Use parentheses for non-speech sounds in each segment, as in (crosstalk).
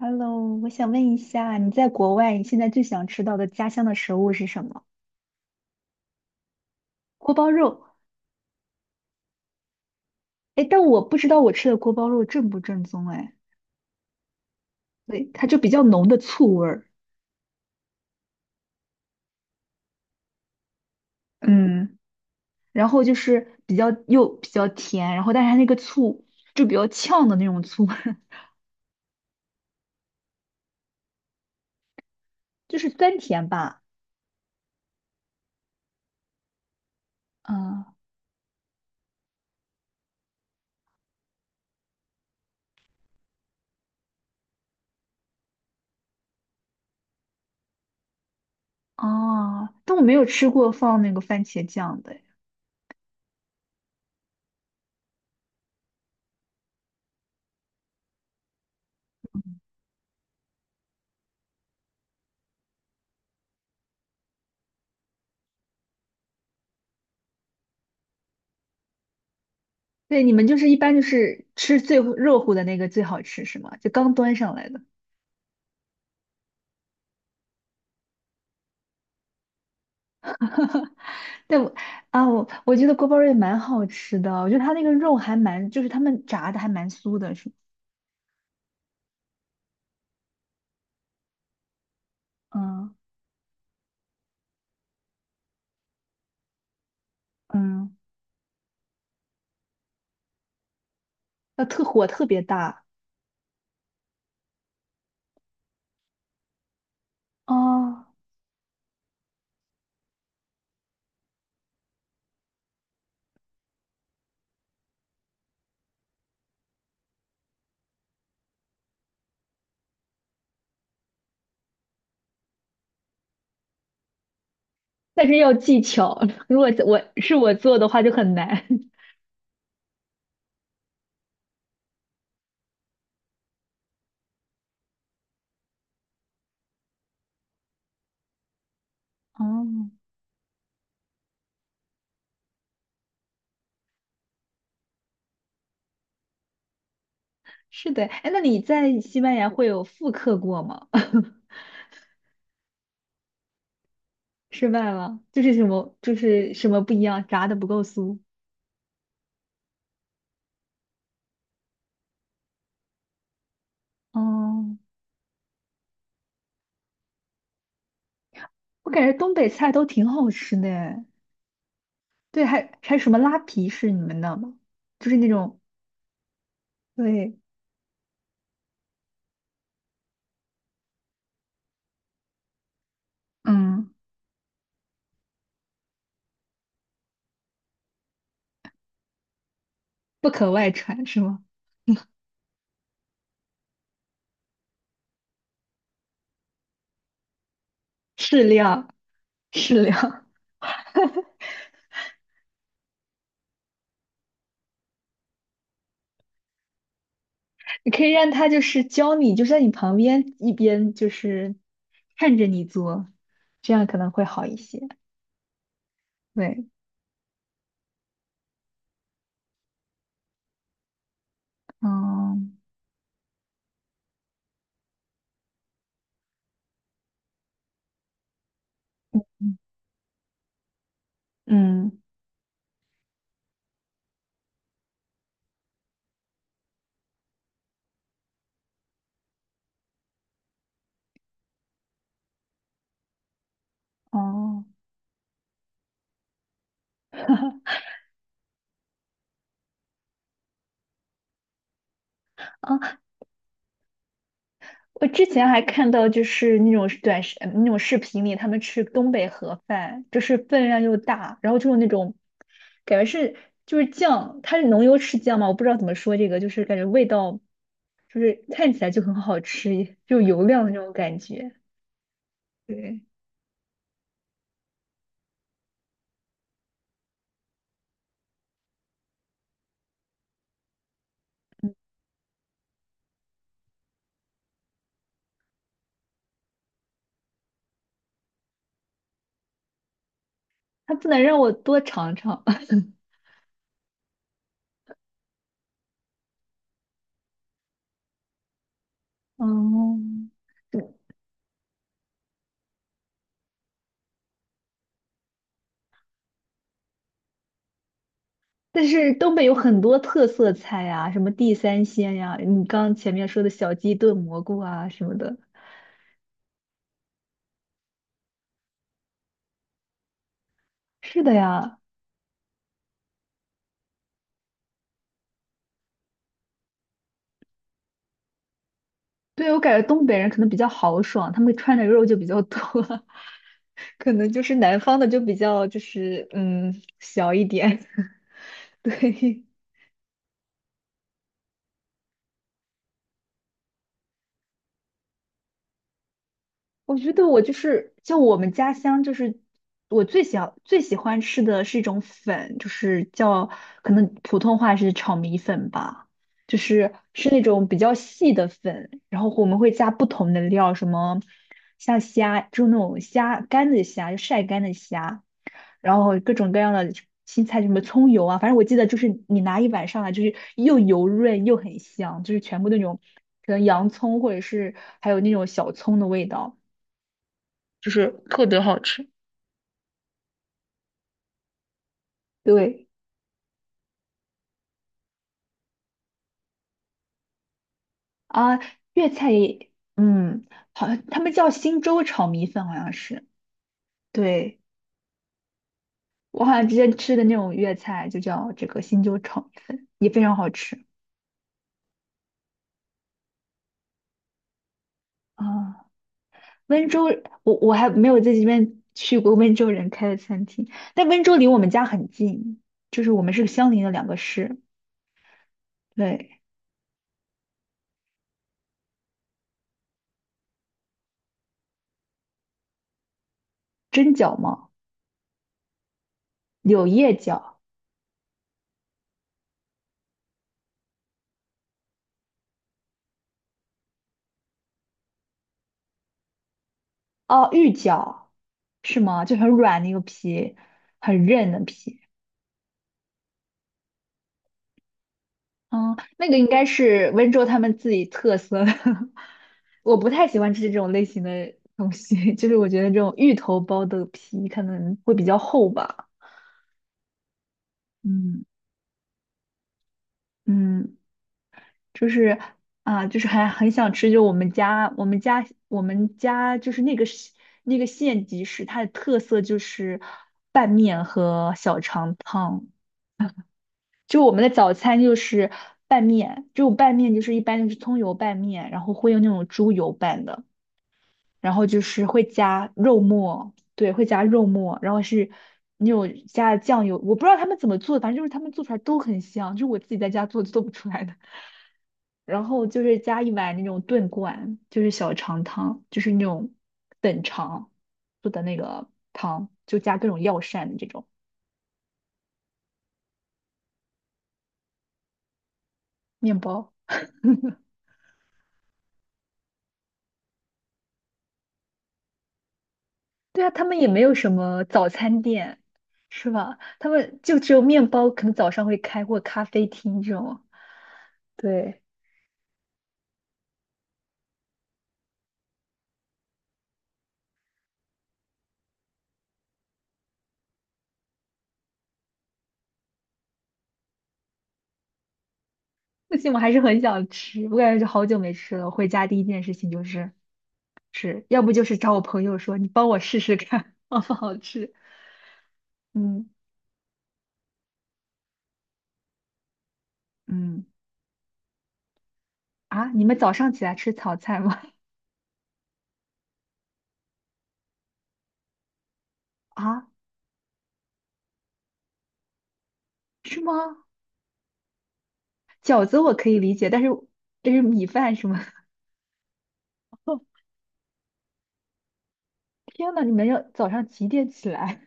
Hello,我想问一下，你在国外，你现在最想吃到的家乡的食物是什么？锅包肉。哎，但我不知道我吃的锅包肉正不正宗哎，对，它就比较浓的醋味儿，嗯，然后就是比较又比较甜，然后但是它那个醋就比较呛的那种醋，(laughs) 就是酸甜吧，嗯，哦，但我没有吃过放那个番茄酱的诶对，你们就是一般就是吃最热乎的那个最好吃是吗？就刚端上来的。对我啊，我觉得锅包肉也蛮好吃的，我觉得它那个肉还蛮，就是他们炸的还蛮酥的，是，嗯嗯，要特别大哦，但是要技巧，(laughs) 如果我是我做的话就很难。(laughs) 哦，是的，哎，那你在西班牙会有复刻过吗？(laughs) 失败了，就是什么就是什么不一样，炸的不够酥。哦，我感觉东北菜都挺好吃的诶，对，还有什么拉皮是你们的吗？就是那种对。嗯，不可外传是吗？适量，适量，(laughs) 你可以让他就是教你，就在你旁边，一边就是看着你做，这样可能会好一些。对，嗯嗯哦。哦啊我之前还看到就是那种那种视频里，他们吃东北盒饭，就是分量又大，然后就是那种感觉是就是酱，它是浓油赤酱嘛，我不知道怎么说这个，就是感觉味道就是看起来就很好吃，就油亮的那种感觉。对，它不能让我多尝尝。(laughs) 嗯，嗯但是东北有很多特色菜呀，什么地三鲜呀，你刚前面说的小鸡炖蘑菇啊什么的。是的呀。对，我感觉东北人可能比较豪爽，他们穿的肉就比较多，(laughs) 可能就是南方的就比较就是嗯小一点。(laughs) 对，我觉得我就是像我们家乡，就是我最喜最喜欢吃的是一种粉，就是叫可能普通话是炒米粉吧，就是那种比较细的粉，然后我们会加不同的料，什么像虾，就那种虾干的虾，就晒干的虾。然后各种各样的青菜，什么葱油啊，反正我记得就是你拿一碗上来，就是又油润又很香，就是全部那种可能洋葱或者是还有那种小葱的味道。就是特别好吃。对啊，粤菜也，嗯，好像他们叫新洲炒米粉，好像是。对，我好像之前吃的那种粤菜就叫这个新洲炒米粉，也非常好吃啊。温州，我还没有在这边去过温州人开的餐厅，但温州离我们家很近，就是我们是相邻的两个市。对，蒸饺吗？柳叶饺，哦，玉饺是吗？就很软那个皮，很韧的皮。嗯，那个应该是温州他们自己特色的。(laughs) 我不太喜欢吃这种类型的东西，(laughs) 就是我觉得这种芋头包的皮可能会比较厚吧。嗯嗯。就是啊，就是还很想吃，就我们家就是那个县级市，它的特色就是拌面和小肠汤。就我们的早餐就是拌面，就拌面就是一般就是葱油拌面，然后会用那种猪油拌的，然后就是会加肉末，对，会加肉末，然后是那种加酱油，我不知道他们怎么做，反正就是他们做出来都很香，就是我自己在家做就做不出来的。然后就是加一碗那种炖罐，就是小肠汤，就是那种等长做的那个汤，就加各种药膳的这种面包。(laughs) 对啊，他们也没有什么早餐店，是吧？他们就只有面包，可能早上会开或咖啡厅这种。对，不行，我还是很想吃，我感觉就好久没吃了。回家第一件事情就是吃，要不就是找我朋友说你帮我试试看 (laughs) 好不好吃。嗯嗯，啊，你们早上起来吃炒菜吗？啊，是吗？饺子我可以理解，但是这是米饭是吗？(laughs) 天呐，你们要早上几点起来？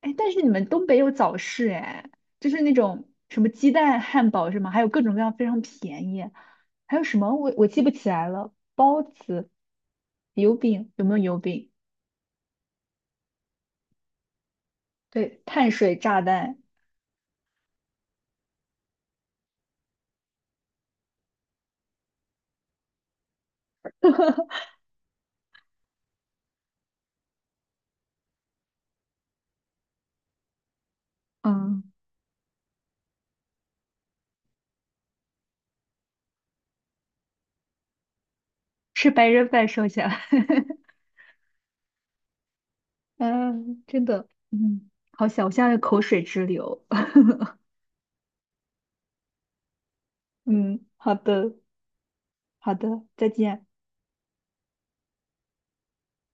哎，但是你们东北有早市哎，就是那种什么鸡蛋汉堡是吗？还有各种各样非常便宜，还有什么我记不起来了，包子、油饼有没有油饼？对，碳水炸弹，嗯，吃白人饭瘦下来，(laughs) 嗯，真的，嗯，好想，我现在口水直流，(laughs) 嗯，好的，好的，再见。